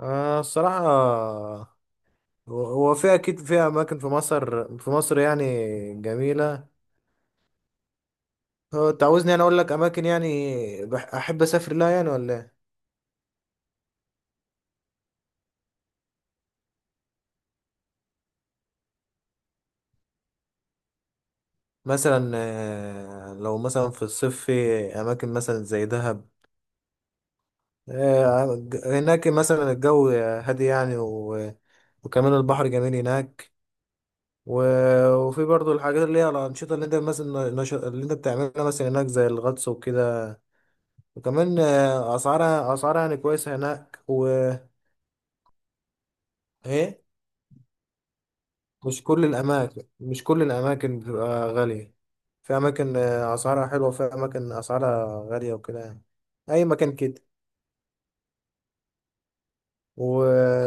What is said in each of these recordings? آه الصراحة. هو في أكيد في أماكن في مصر يعني جميلة. هو أنت عاوزني أنا أقول لك أماكن يعني أحب أسافر لها يعني ولا إيه؟ مثلا لو مثلا في الصيف في أماكن مثلا زي دهب. هناك مثلا الجو هادي يعني. وكمان البحر جميل هناك. وفي برضو الحاجات اللي هي الأنشطة اللي أنت مثلا اللي أنت بتعملها مثلا هناك زي الغطس وكده. وكمان أسعارها يعني كويسة هناك. ايه، مش كل الاماكن بتبقى غاليه. في اماكن اسعارها حلوه، في اماكن اسعارها غاليه وكده يعني. اي مكان كده. و،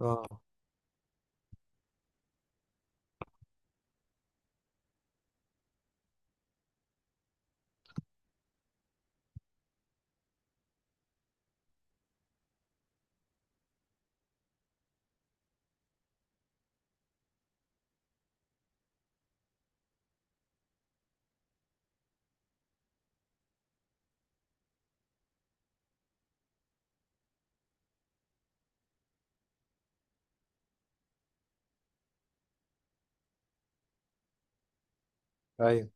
اه، ايوه.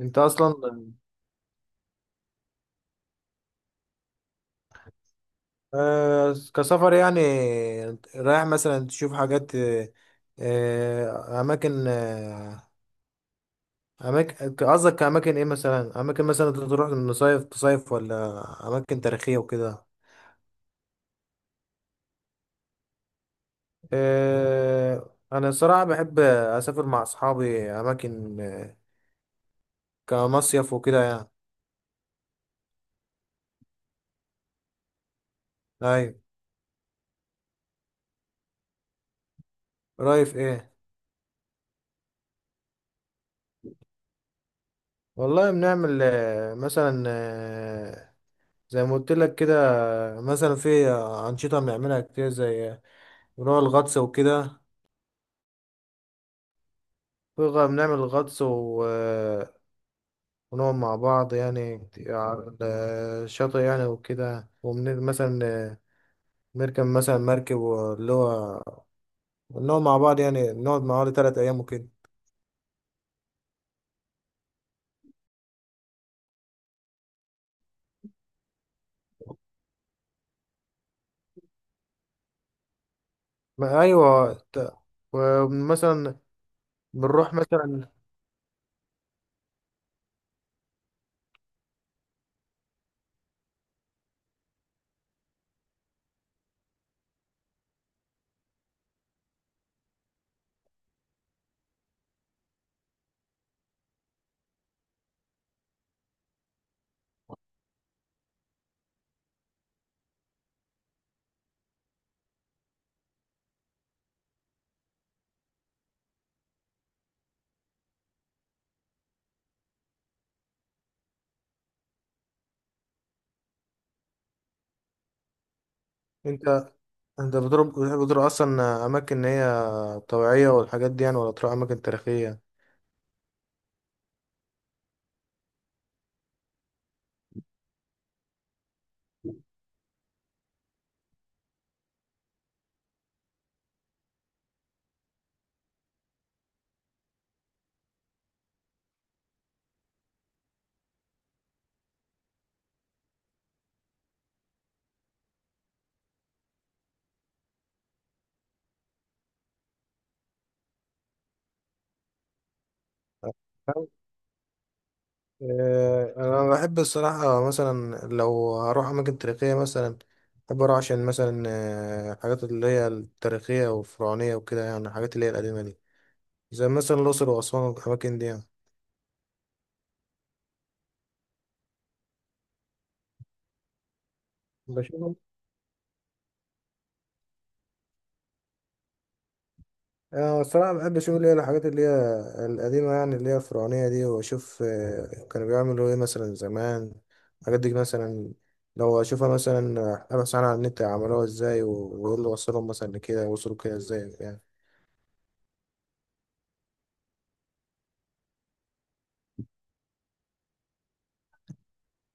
انت اصلا آه كسفر يعني رايح مثلا تشوف حاجات اماكن. اماكن قصدك اماكن ايه؟ مثلا اماكن مثلا تروح تصيف ولا اماكن تاريخيه وكده. انا صراحة بحب اسافر مع اصحابي اماكن، كمصيف وكده يعني. ايوه. رايف ايه. والله بنعمل مثلا، زي ما قلت لك كده. مثلا في انشطة بنعملها كتير زي بنروح الغطس وكده. بنعمل غطس ونقعد مع بعض يعني كتير على الشاطئ يعني وكده، ومثلا نركب مثلا مركب اللي هو نقعد مع بعض، يعني نقعد مع بعض تلات أيام وكده. ما ايوه، ومثلا بنروح مثلا. انت انت بتحب تضرب اصلا اماكن هي طبيعيه والحاجات دي يعني، ولا تروح اماكن تاريخيه؟ فاهم؟ انا بحب الصراحه مثلا لو هروح اماكن تاريخيه، مثلا بحب اروح عشان مثلا الحاجات اللي هي التاريخيه والفرعونيه وكده، يعني الحاجات اللي هي القديمه دي زي مثلا الاقصر واسوان والاماكن دي يعني. بشوف. أنا الصراحة بحب أشوف اللي هي الحاجات اللي هي القديمة، يعني اللي هي الفرعونية دي، وأشوف كانوا بيعملوا إيه مثلا زمان الحاجات دي مثلا. لو أشوفها مثلا أبحث عنها على النت عملوها إزاي، وإيه اللي وصلهم مثلا لكده، وصلوا كده إزاي يعني.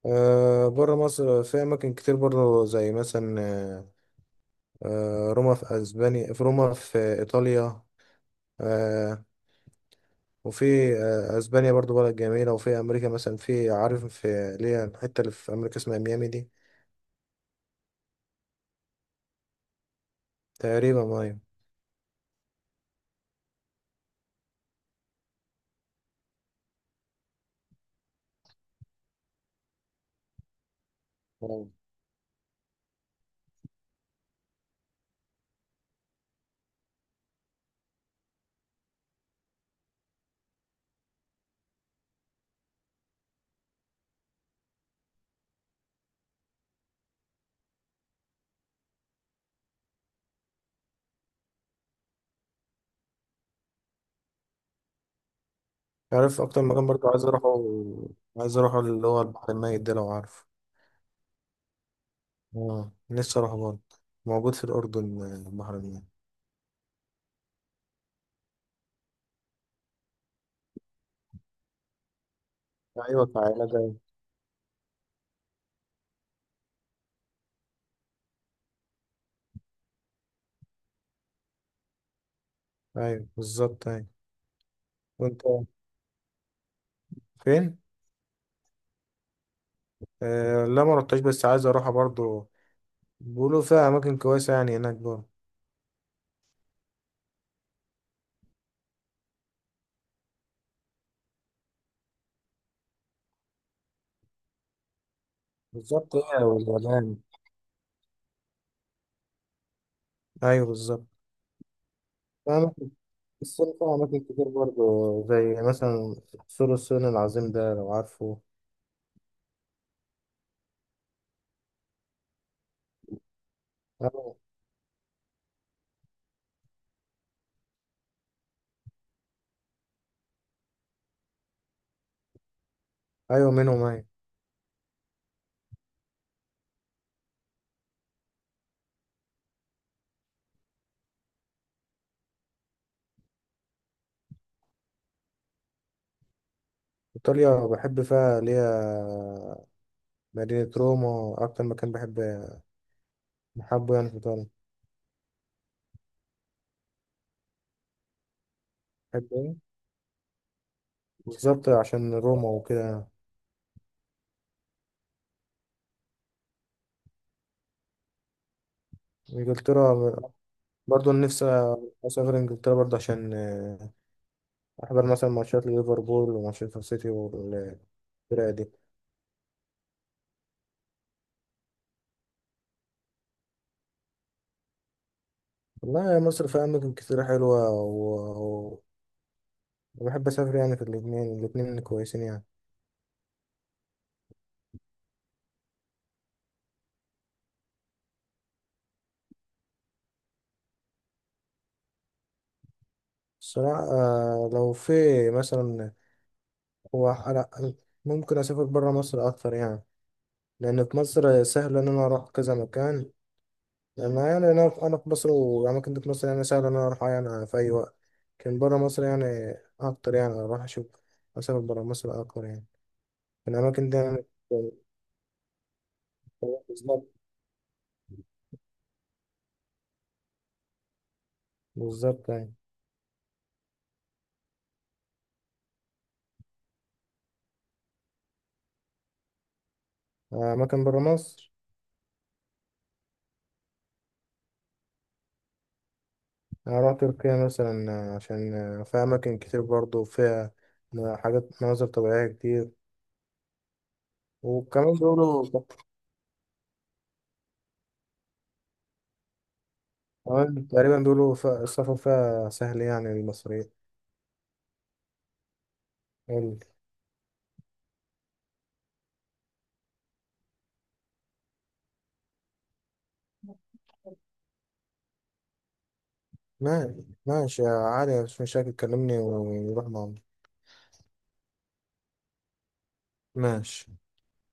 أه بره مصر في أماكن كتير برضه زي مثلا روما في أسبانيا، في روما في إيطاليا. أه. وفي أسبانيا برضه بلد جميلة، وفي أمريكا مثلا، في عارف في اللي هي الحتة اللي في أمريكا اسمها ميامي دي. تقريبا أيوة. مم. عارف اكتر مكان برضه عايز اروحه، اللي هو البحر الميت ده لو عارف. اه لسه اروحه برضه، موجود في الاردن البحر الميت. ايوه كعيله جاي. ايوه بالظبط ايوه. وانت فين؟ آه لا ما رحتش، بس عايز اروحها برضه. بيقولوا فيها اماكن كويسه يعني هناك برضه. بالظبط، هي واليابان. ايوه بالظبط. في اماكن، الصين فيها اماكن كتير برضه زي مثلا سور الصين العظيم ده لو عارفه. ايوه أيوة منهم ايوه. إيطاليا بحب فيها اللي هي مدينة روما، أكتر مكان بحب بحبه يعني في إيطاليا. بحب إيه؟ بالظبط عشان روما وكده. إنجلترا برضه نفسي أسافر إنجلترا برضه عشان أحضر مثلا ماتشات ليفربول ومانشستر سيتي والفرق دي. والله يا مصر فيها أماكن كتير حلوة، و- وبحب أسافر يعني في الاتنين، الاتنين كويسين يعني. الصراحة لو في مثلا هو على- ممكن أسافر برا مصر أكتر يعني. لأن في مصر سهل إن أنا أروح كذا مكان، أنا يعني أنا في مصر، وأماكن دي في مصر يعني سهل إن أنا أروح يعني في أي وقت. لكن برا مصر يعني أكتر، يعني أروح أشوف، أسافر برا مصر أكتر يعني في الأماكن دي يعني. بالظبط. بالظبط يعني. أماكن برا مصر. أنا أروح تركيا مثلا عشان فيها أماكن كتير برضه، وفيها حاجات مناظر طبيعية كتير. وكمان بيقولوا، كمان تقريبا بيقولوا فيها، السفر فيها سهل يعني للمصريين. ماشي ماشي يا علي مش مشاكل، كلمني ونروح معاهم. ماشي.